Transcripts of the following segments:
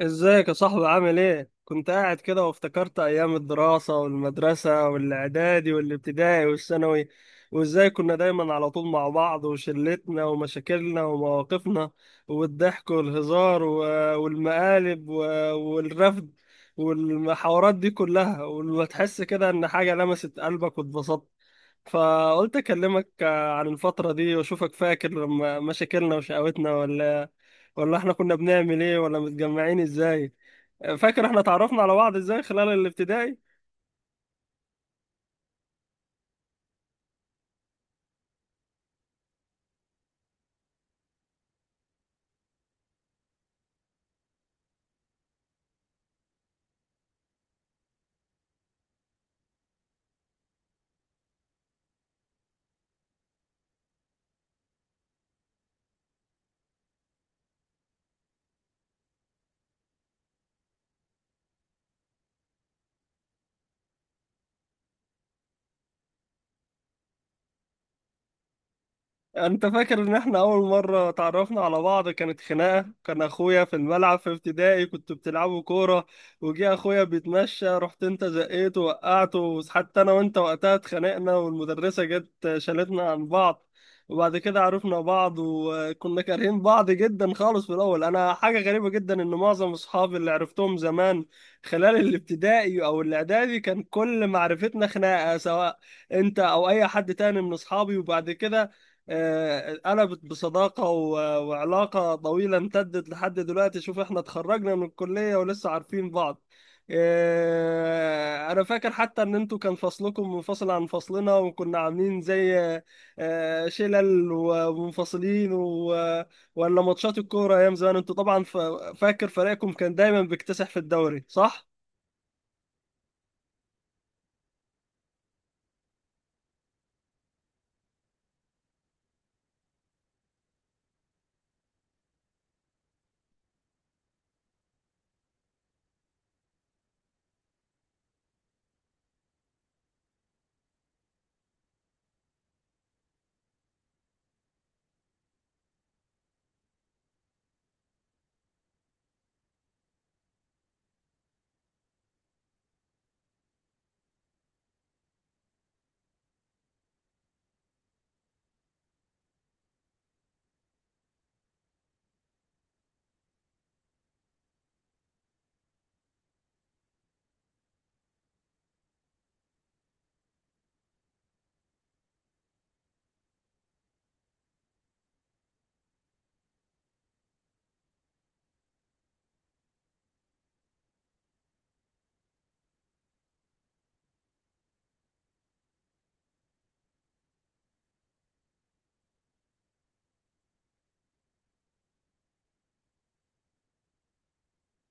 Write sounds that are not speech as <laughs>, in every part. ازيك يا صاحبي؟ عامل ايه؟ كنت قاعد كده وافتكرت ايام الدراسة والمدرسة والاعدادي والابتدائي والثانوي، وازاي كنا دايما على طول مع بعض وشلتنا ومشاكلنا ومواقفنا والضحك والهزار والمقالب والرفد والمحاورات دي كلها، وتحس كده ان حاجة لمست قلبك واتبسطت. فقلت اكلمك عن الفترة دي واشوفك فاكر لما مشاكلنا وشقاوتنا ولا احنا كنا بنعمل ايه، ولا متجمعين ازاي. فاكر احنا تعرفنا على بعض ازاي خلال الابتدائي؟ انت فاكر ان احنا اول مرة تعرفنا على بعض كانت خناقة؟ كان اخويا في الملعب في ابتدائي، كنتوا بتلعبوا كورة وجه اخويا بيتمشى، رحت انت زقيته وقعته. حتى انا وانت وقتها اتخانقنا والمدرسة جت شالتنا عن بعض. وبعد كده عرفنا بعض وكنا كارهين بعض جدا خالص في الاول. انا حاجة غريبة جدا ان معظم اصحابي اللي عرفتهم زمان خلال الابتدائي او الاعدادي كان كل معرفتنا خناقة، سواء انت او اي حد تاني من اصحابي. وبعد كده قلبت بصداقة وعلاقة طويلة امتدت لحد دلوقتي. شوف احنا اتخرجنا من الكلية ولسه عارفين بعض. انا فاكر حتى ان انتوا كان فصلكم منفصل عن فصلنا، وكنا عاملين زي شلل ومنفصلين ولا ماتشات الكورة ايام زمان. انتوا طبعا فاكر فريقكم كان دايما بيكتسح في الدوري، صح؟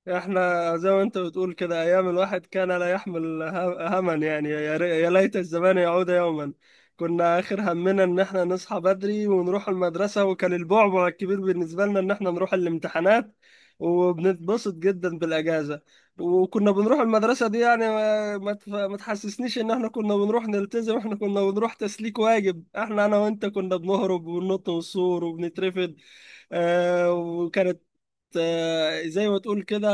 احنا زي ما انت بتقول كده، ايام الواحد كان لا يحمل هما يعني، يا ليت الزمان يعود يوما. كنا اخر همنا ان احنا نصحى بدري ونروح المدرسة، وكان البعبع الكبير بالنسبة لنا ان احنا نروح الامتحانات، وبنتبسط جدا بالاجازة. وكنا بنروح المدرسة دي يعني ما تحسسنيش ان احنا كنا بنروح نلتزم، احنا كنا بنروح تسليك واجب. احنا انا وانت كنا بنهرب وننط من السور وبنترفد. آه، وكانت آه، زي ما تقول كده،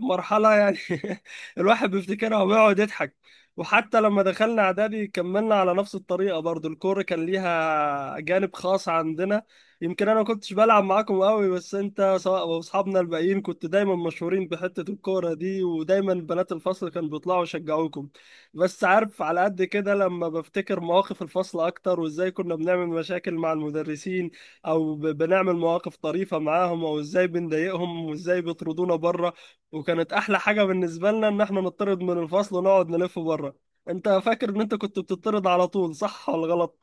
مرحلة يعني <laughs> الواحد بيفتكرها وبيقعد يضحك. وحتى لما دخلنا إعدادي كملنا على نفس الطريقة، برضو الكورة كان ليها جانب خاص عندنا. يمكن أنا ما كنتش بلعب معاكم قوي، بس أنت سواء وأصحابنا الباقيين كنت دايما مشهورين بحتة الكورة دي، ودايما بنات الفصل كانوا بيطلعوا يشجعوكم. بس عارف على قد كده لما بفتكر مواقف الفصل أكتر، وإزاي كنا بنعمل مشاكل مع المدرسين، او بنعمل مواقف طريفه معاهم، او ازاي بنضايقهم وازاي بيطردونا بره. وكانت احلى حاجه بالنسبه لنا ان احنا نطرد من الفصل ونقعد نلف بره. انت فاكر ان انت كنت بتطرد على طول، صح ولا غلط؟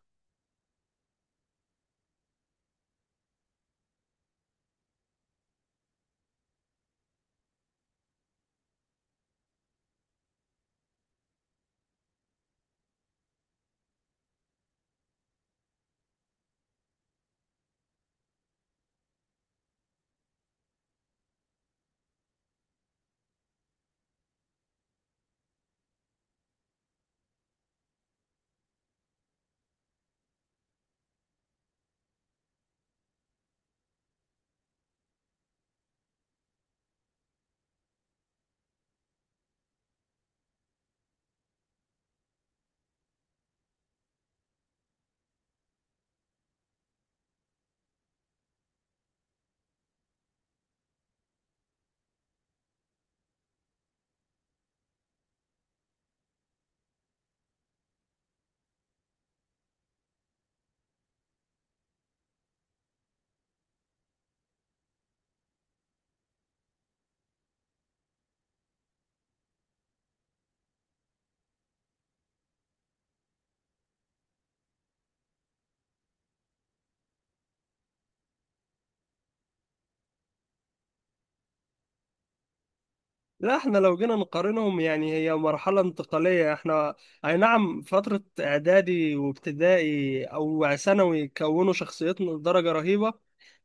لا احنا لو جينا نقارنهم يعني هي مرحلة انتقالية. احنا اي نعم فترة اعدادي وابتدائي او ثانوي كونوا شخصيتنا لدرجة رهيبة،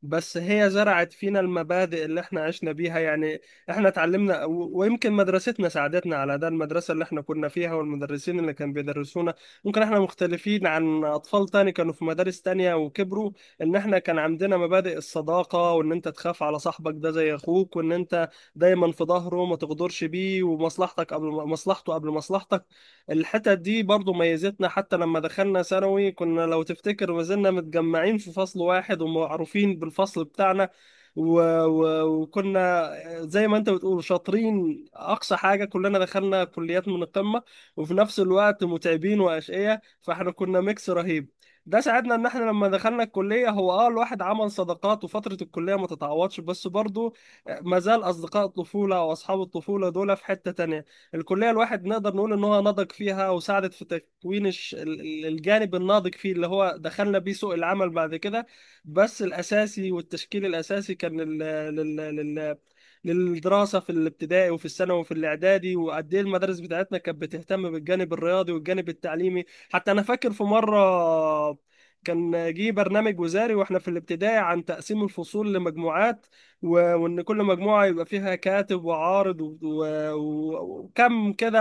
بس هي زرعت فينا المبادئ اللي احنا عشنا بيها يعني. احنا اتعلمنا ويمكن مدرستنا ساعدتنا على ده، المدرسة اللي احنا كنا فيها والمدرسين اللي كانوا بيدرسونا. ممكن احنا مختلفين عن اطفال تاني كانوا في مدارس تانية وكبروا، ان احنا كان عندنا مبادئ الصداقة، وان انت تخاف على صاحبك ده زي اخوك، وان انت دايما في ظهره ما تغدرش بيه، ومصلحتك قبل مصلحته قبل مصلحتك. الحتت دي برضو ميزتنا. حتى لما دخلنا ثانوي كنا، لو تفتكر، ما زلنا متجمعين في فصل واحد ومعروفين بالفصل بتاعنا. و... وكنا زي ما انت بتقول شاطرين، اقصى حاجه كلنا دخلنا كليات من القمه، وفي نفس الوقت متعبين واشقياء، فاحنا كنا ميكس رهيب. ده ساعدنا ان احنا لما دخلنا الكليه هو اه الواحد عمل صداقات، وفتره الكليه ما تتعوضش، بس برضه ما زال اصدقاء الطفوله او اصحاب الطفوله دول في حته تانية. الكليه الواحد نقدر نقول ان هو نضج فيها، وساعدت في تكوين الجانب الناضج فيه، اللي هو دخلنا بيه سوق العمل بعد كده. بس الاساسي والتشكيل الاساسي كان لل... لل... للدراسه في الابتدائي وفي الثانوي وفي الاعدادي. وقد ايه المدارس بتاعتنا كانت بتهتم بالجانب الرياضي والجانب التعليمي. حتى انا فاكر في مره كان جه برنامج وزاري واحنا في الابتدائي عن تقسيم الفصول لمجموعات، وان كل مجموعه يبقى فيها كاتب وعارض وكم كده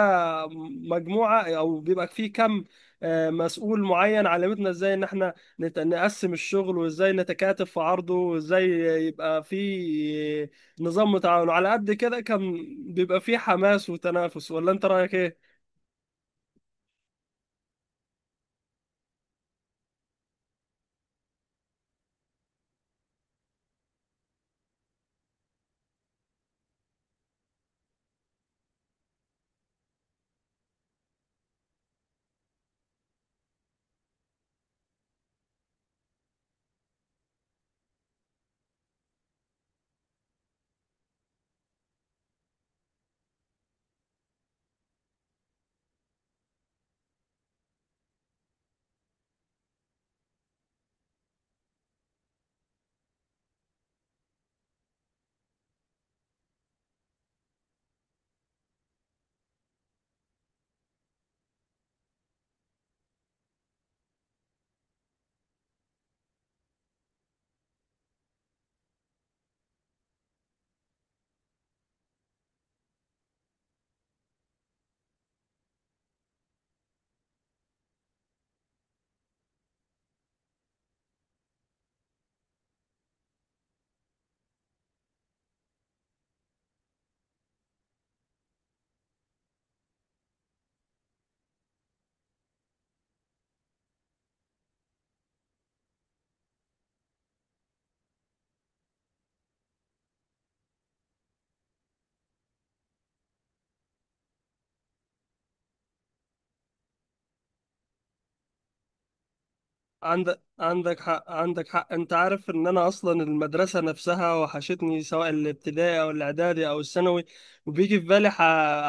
مجموعه، او بيبقى فيه كم مسؤول معين. علمتنا ازاي ان احنا نقسم الشغل، وازاي نتكاتف في عرضه، وازاي يبقى فيه نظام تعاون. على قد كده كان بيبقى فيه حماس وتنافس، ولا انت رايك ايه؟ عندك حق، عندك حق. انت عارف ان انا اصلا المدرسه نفسها وحشتني، سواء الابتدائي او الاعدادي او الثانوي. وبيجي في بالي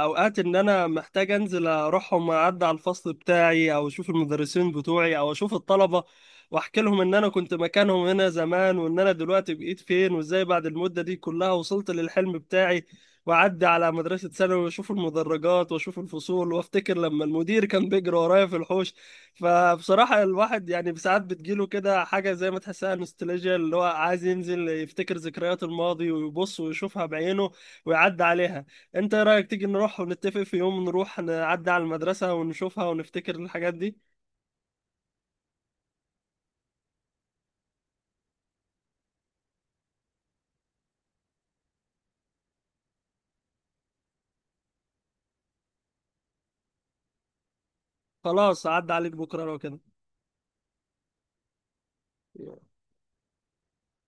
اوقات ان انا محتاج انزل اروحهم، اعدي على الفصل بتاعي او اشوف المدرسين بتوعي او اشوف الطلبه، واحكي لهم ان انا كنت مكانهم هنا زمان، وان انا دلوقتي بقيت فين، وازاي بعد المده دي كلها وصلت للحلم بتاعي. واعدي على مدرسه ثانوي واشوف المدرجات واشوف الفصول، وافتكر لما المدير كان بيجري ورايا في الحوش. فبصراحة الواحد يعني ساعات بتجيله كده حاجة زي ما تحسها نوستالجيا، اللي هو عايز ينزل يفتكر ذكريات الماضي ويبص ويشوفها بعينه ويعدي عليها. انت ايه رأيك تيجي نروح ونتفق في يوم نروح نعدي على المدرسة ونشوفها ونفتكر الحاجات دي؟ خلاص، عدى عليك بكرة لو كده.